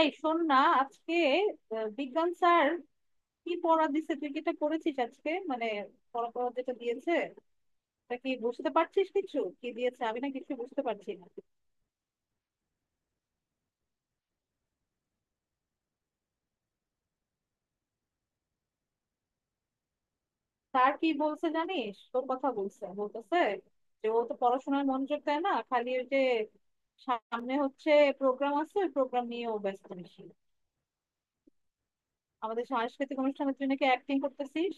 এই শোন না, আজকে বিজ্ঞান স্যার কি পড়া দিছে, তুই কি এটা করেছিস আজকে? মানে পড়া পড়া যেটা দিয়েছে, তা কি বুঝতে পারছিস? কিছু কি দিয়েছে? আমি না কিছু বুঝতে পারছি না। স্যার কি বলছে জানিস? তোর কথা বলছে, বলতেছে যে ও তো পড়াশোনায় মনোযোগ দেয় না, খালি ওই যে সামনে হচ্ছে প্রোগ্রাম আছে ওই প্রোগ্রাম নিয়ে ও ব্যস্ত বেশি। আমাদের সাংস্কৃতিক অনুষ্ঠানের জন্য কি অ্যাক্টিং করতেছিস?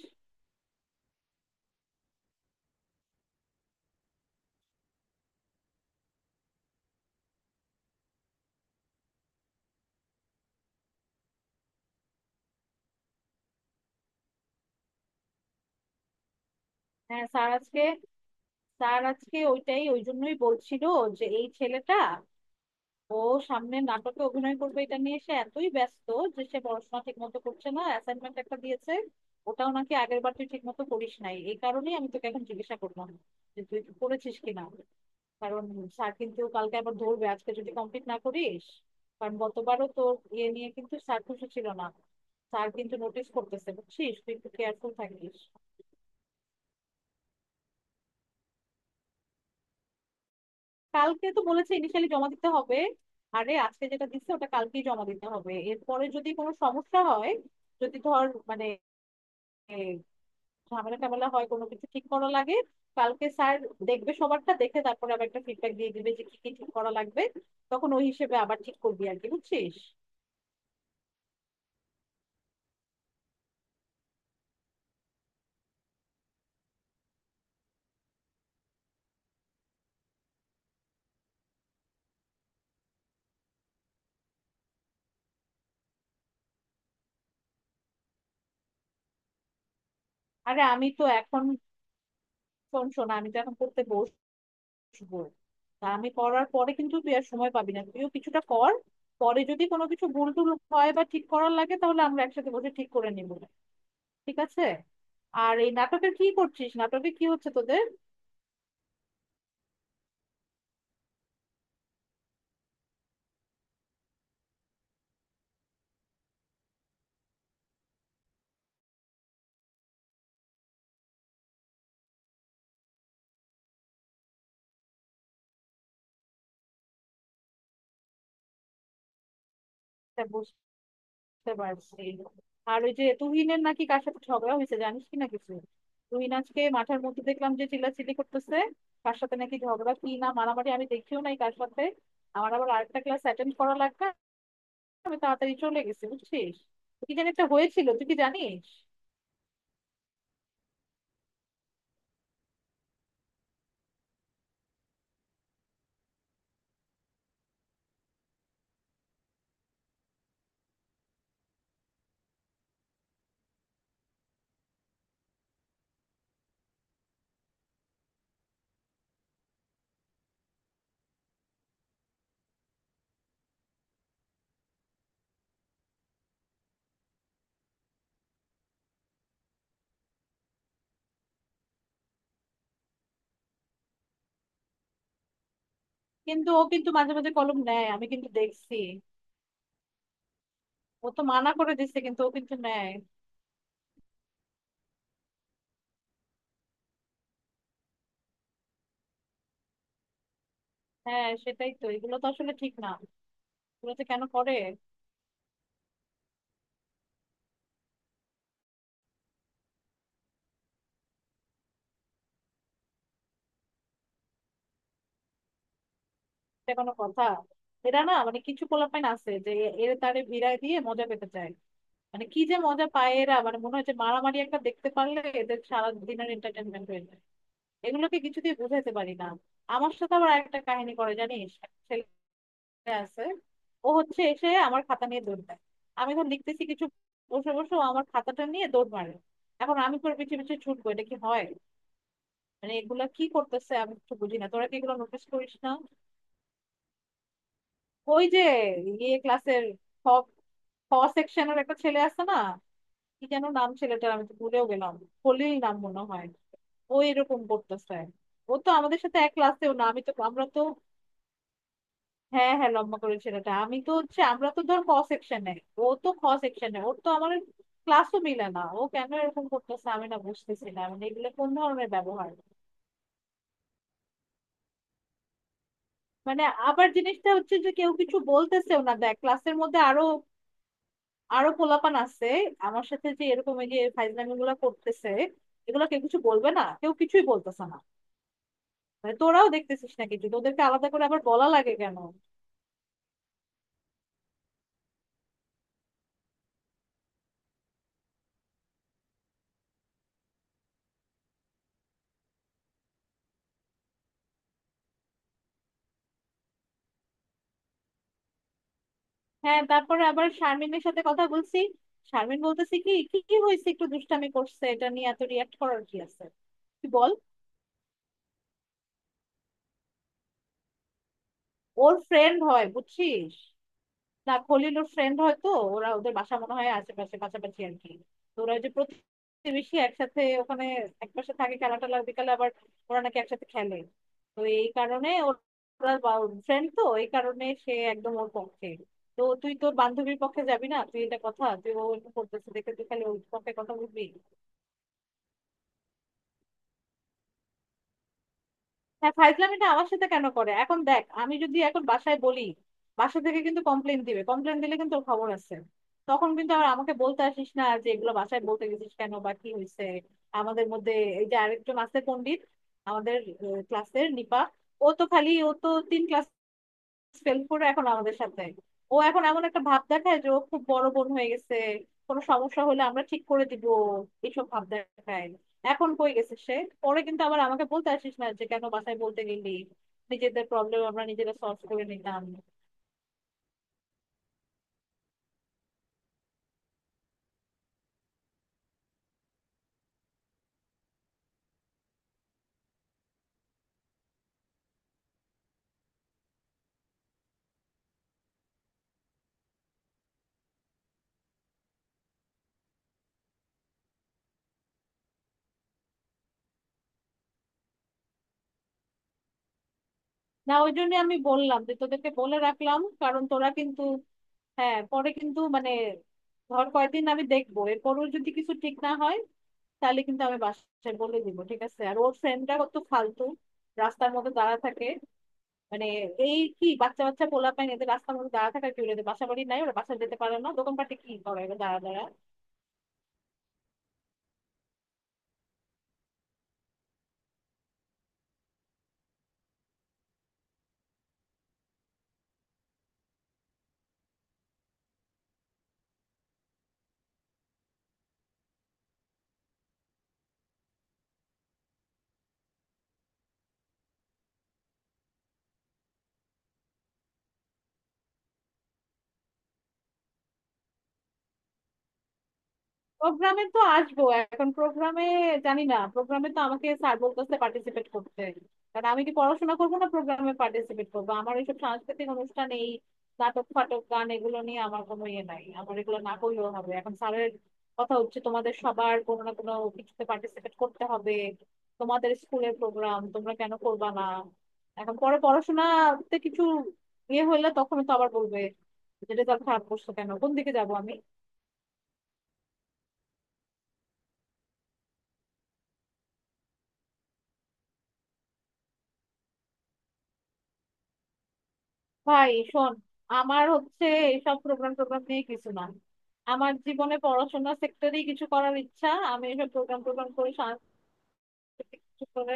হ্যাঁ, স্যার আজকে, স্যার আজকে ওইটাই, ওই জন্যই বলছিল যে এই ছেলেটা ও সামনে নাটকে অভিনয় করবে, এটা নিয়ে সে এতই ব্যস্ত যে সে পড়াশোনা ঠিক মতো করছে না। অ্যাসাইনমেন্ট একটা দিয়েছে, ওটাও নাকি আগের বার তুই ঠিক মতো করিস নাই, এই কারণেই আমি তোকে এখন জিজ্ঞাসা করলাম যে তুই করেছিস কিনা। কারণ স্যার কিন্তু কালকে আবার ধরবে আজকে যদি কমপ্লিট না করিস। কারণ গতবারও তোর ইয়ে নিয়ে কিন্তু স্যার খুশি ছিল না, স্যার কিন্তু নোটিস করতেছে, বুঝছিস? তুই একটু কেয়ারফুল থাকিস। কালকে তো বলেছে ইনিশিয়ালি জমা দিতে হবে। আরে আজকে যেটা দিচ্ছে ওটা কালকেই জমা দিতে হবে, এরপরে যদি কোনো সমস্যা হয়, যদি ধর মানে এ, ঝামেলা টামেলা হয়, কোনো কিছু ঠিক করা লাগে, কালকে স্যার দেখবে সবারটা, দেখে তারপরে আবার একটা ফিডব্যাক দিয়ে দিবে যে কি কি ঠিক করা লাগবে। তখন ওই হিসেবে আবার ঠিক করবি আর কি, বুঝছিস? আরে আমি তো এখন, শোন শোন, আমি তো এখন পড়তে বসবো। তা আমি পড়ার পরে কিন্তু তুই আর সময় পাবি না, তুইও কিছুটা কর। পরে যদি কোনো কিছু ভুল টুল হয় বা ঠিক করার লাগে তাহলে আমরা একসাথে বসে ঠিক করে নিবো, ঠিক আছে? আর এই নাটকের কি করছিস, নাটকে কি হচ্ছে তোদের? এটা বুঝতে পারছি। আর ওই যে তুহিনের নাকি কার সাথে ঝগড়া হয়েছে, জানিস কি না কিছু? তুহিন আজকে মাঠের মধ্যে দেখলাম যে চিল্লাচিল্লি করতেছে, কার সাথে নাকি ঝগড়া কি না মারামারি, আমি দেখিও নাই কার সাথে। আমার আবার আরেকটা ক্লাস অ্যাটেন্ড করা লাগবে, আমি তাড়াতাড়ি চলে গেছি, বুঝছিস? তো কি জানি একটা হয়েছিল, তুই কি জানিস? কিন্তু ও কিন্তু মাঝে মাঝে কলম নেয়, আমি কিন্তু দেখছি। ও তো মানা করে দিচ্ছে, কিন্তু ও কিন্তু নেয়। হ্যাঁ সেটাই তো, এগুলো তো আসলে ঠিক না, এগুলো যে কেন করে। এটা কোনো কথা? এরা না, মানে কিছু পোলাপাইন আছে যে এরা তারে ভিড়ায় দিয়ে মজা পেতে চায়। মানে কি যে মজা পায় এরা, মানে মনে হয় যে মারামারি একটা দেখতে পারলে এদের সারা দিনের এন্টারটেনমেন্ট হয়ে যায়। এগুলোকে কিছু দিয়ে বোঝাতে পারি না। আমার সাথে আবার একটা কাহিনী করে, জানিস? একটা ছেলে আছে, ও হচ্ছে এসে আমার খাতা নিয়ে দৌড় দেয়। আমি এখন লিখতেছি কিছু, বসে বসে ও আমার খাতাটা নিয়ে দৌড় মারে। এখন আমি তোর পিছিয়ে পিছিয়ে ছুটবো, এটা কি হয়? মানে এগুলা কি করতেছে আমি কিছু বুঝি না। তোরা কি এগুলো নোটিস করিস না? ওই যে ইয়ে ক্লাসের খ খ সেকশনের একটা ছেলে আছে না, কি যেন নাম ছেলেটার, আমি তো ভুলেও গেলাম, খলিল নাম মনে হয়। ও এরকম করতেছে। ও তো আমাদের সাথে এক ক্লাসেও না, আমি তো, আমরা তো, হ্যাঁ হ্যাঁ, লম্বা করে ছেলেটা। আমি তো হচ্ছে, আমরা তো ধর ক সেকশনে, ও তো খ সেকশনে। ওর তো আমার ক্লাসও মিলে না, ও কেন এরকম করতেছে আমি না বুঝতেছি না, মানে এগুলো কোন ধরনের ব্যবহার। মানে আবার জিনিসটা হচ্ছে যে কেউ কিছু বলতেছেও না, দেখ ক্লাসের মধ্যে আরো আরো পোলাপান আছে আমার সাথে যে এরকম, এই যে ফাইজলামি গুলা করতেছে, এগুলা কেউ কিছু বলবে না, কেউ কিছুই বলতেছে না। মানে তোরাও দেখতেছিস না কিছু? তোদেরকে আলাদা করে আবার বলা লাগে কেন? হ্যাঁ তারপরে আবার শারমিনের সাথে কথা বলছি, শারমিন বলতেছি কি, কি কি হয়েছে, একটু দুষ্টামি করছে, এটা নিয়ে এত রিয়াক্ট করার কি আছে, তুই বল। ওর ফ্রেন্ড হয় বুঝছিস, না খলিল ওর ফ্রেন্ড হয়তো। ওরা ওদের বাসা মনে হয় আশেপাশে পাশাপাশি আর কি। তো ওরা ওই যে প্রতিবেশী একসাথে ওখানে একপাশে থাকে, খেলা টেলা বিকালে আবার ওরা নাকি একসাথে খেলে। তো এই কারণে ওরা ফ্রেন্ড, তো এই কারণে সে একদম ওর পক্ষে। তো তুই তোর বান্ধবীর পক্ষে যাবি না, তুই এটা কথা, তুই ও এরকম করতেছে দেখে তুই খালি ওর পক্ষে কথা বলবি। হ্যাঁ ফাইজলামিটা আমার সাথে কেন করে, এখন দেখ আমি যদি এখন বাসায় বলি, বাসা থেকে কিন্তু কমপ্লেন দিবে, কমপ্লেন দিলে কিন্তু ওর খবর আছে। তখন কিন্তু আর আমাকে বলতে আসিস না যে এগুলো বাসায় বলতে গেছিস কেন বা কি হয়েছে। আমাদের মধ্যে এই যে আরেকজন আছে পণ্ডিত, আমাদের ক্লাসের নিপা, ও তো খালি, ও তো 3 ক্লাস সেলফ করে এখন আমাদের সাথে, ও এখন এমন একটা ভাব দেখায় যে ও খুব বড় বোন হয়ে গেছে, কোনো সমস্যা হলে আমরা ঠিক করে দিব, এইসব ভাব দেখায়। এখন কই গেছে সে। পরে কিন্তু আবার আমাকে বলতে আসিস না যে কেন বাসায় বলতে গেলি, নিজেদের প্রবলেম আমরা নিজেরা সলভ করে নিতাম। না ওই জন্য আমি বললাম যে তোদেরকে বলে রাখলাম, কারণ তোরা কিন্তু, হ্যাঁ পরে কিন্তু মানে, ধর কয়েকদিন আমি দেখবো, এরপরও যদি কিছু ঠিক না হয় তাহলে কিন্তু আমি বাসায় বলে দিব, ঠিক আছে? আর ওর ফ্রেন্ডটা কত ফালতু, রাস্তার মধ্যে দাঁড়া থাকে মানে, এই কি বাচ্চা বাচ্চা পোলাপাইন এদের রাস্তার মধ্যে দাঁড়া থাকা কি হলো? এদের বাসা বাড়ি নাই? ওরা বাসা যেতে পারে না? দোকানপাটে কি করে এবার দাঁড়া দাঁড়া। প্রোগ্রামে তো আসবো, এখন প্রোগ্রামে জানি না, প্রোগ্রামে তো আমাকে স্যার বলতেছে পার্টিসিপেট করতে। কারণ আমি কি পড়াশোনা করবো না প্রোগ্রামে পার্টিসিপেট করবো? আমার এইসব সাংস্কৃতিক অনুষ্ঠান, এই নাটক ফাটক গান এগুলো নিয়ে আমার কোনো ইয়ে নাই, আমার এগুলো না করলেও হবে। এখন স্যারের কথা হচ্ছে তোমাদের সবার কোনো না কোনো কিছুতে পার্টিসিপেট করতে হবে, তোমাদের স্কুলের প্রোগ্রাম তোমরা কেন করবা না। এখন পরে পড়াশোনাতে কিছু ইয়ে হলে তখন তো আবার বলবে যে রেজাল্ট খারাপ করছো কেন। কোন দিকে যাবো আমি। ভাই শোন, আমার হচ্ছে এসব প্রোগ্রাম টোগ্রাম নিয়ে কিছু না, আমার জীবনে পড়াশোনা সেক্টরেই কিছু করার ইচ্ছা। আমি এসব প্রোগ্রাম টোগ্রাম করে, সাংস্কৃতিক কিছু করে,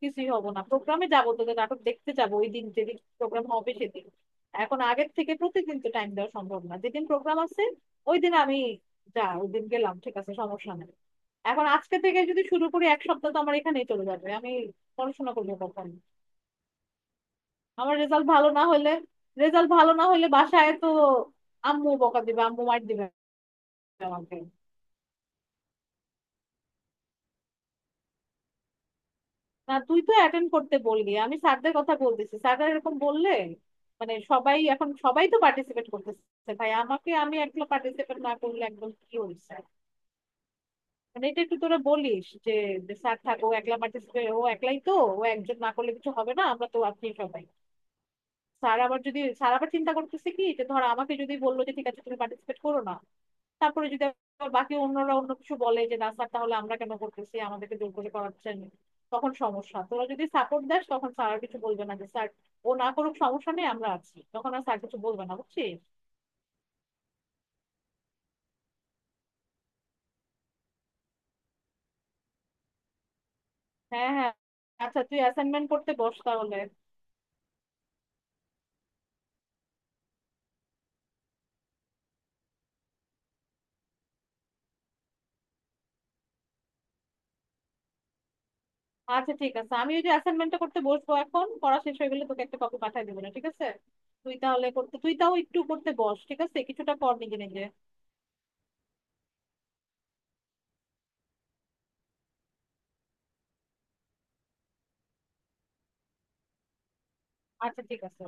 কিছুই হব না। প্রোগ্রামে যাবো তোদের নাটক দেখতে যাবো ওই দিন, যেদিন প্রোগ্রাম হবে সেদিন। এখন আগের থেকে প্রতিদিন তো টাইম দেওয়া সম্ভব না। যেদিন প্রোগ্রাম আছে ওই দিন আমি যা, ওই দিন গেলাম, ঠিক আছে, সমস্যা নেই। এখন আজকে থেকে যদি শুরু করি এক সপ্তাহ তো আমার এখানেই চলে যাবে, আমি পড়াশোনা করবো কখন? আমার রেজাল্ট ভালো না হলে, রেজাল্ট ভালো না হলে বাসায় তো আম্মু বকা দিবে, আম্মু মার দিবে আমাকে। না তুই তো অ্যাটেন্ড করতে বললি, আমি স্যারদের কথা বলতেছি, স্যাররা এরকম বললে মানে, সবাই এখন সবাই তো পার্টিসিপেট করতেছে ভাই, আমাকে, আমি একলা পার্টিসিপেট না করলে একদম কি হয়েছে। মানে এটা একটু তোরা বলিস যে স্যার থাক ও একলা পার্টিসিপেট, ও একলাই তো, ও একজন না করলে কিছু হবে না, আমরা তো আপনি সবাই। স্যার আবার যদি, স্যার আবার চিন্তা করতেছে কি যে, ধর আমাকে যদি বললো যে ঠিক আছে তুমি পার্টিসিপেট করো না, তারপরে যদি আবার বাকি অন্যরা অন্য কিছু বলে যে না স্যার তাহলে আমরা কেন করতেছি, আমাদেরকে জোর করে করাচ্ছেন, তখন সমস্যা। তোরা যদি সাপোর্ট দেস তখন স্যার আর কিছু বলবে না, যে স্যার ও না করুক সমস্যা নেই আমরা আছি, তখন আর স্যার কিছু বলবে না, বুঝছিস? হ্যাঁ হ্যাঁ, আচ্ছা তুই অ্যাসাইনমেন্ট করতে বস তাহলে। আচ্ছা ঠিক আছে, আমি ওই যে অ্যাসাইনমেন্টটা করতে বসবো এখন, পড়া শেষ হয়ে গেলে তোকে একটা কপি পাঠিয়ে দেবো না, ঠিক আছে? তুই তাহলে করতে, তুই তাও একটু করতে বস, ঠিক আছে, কিছুটা কর নিজে নিজে। আচ্ছা ঠিক আছে।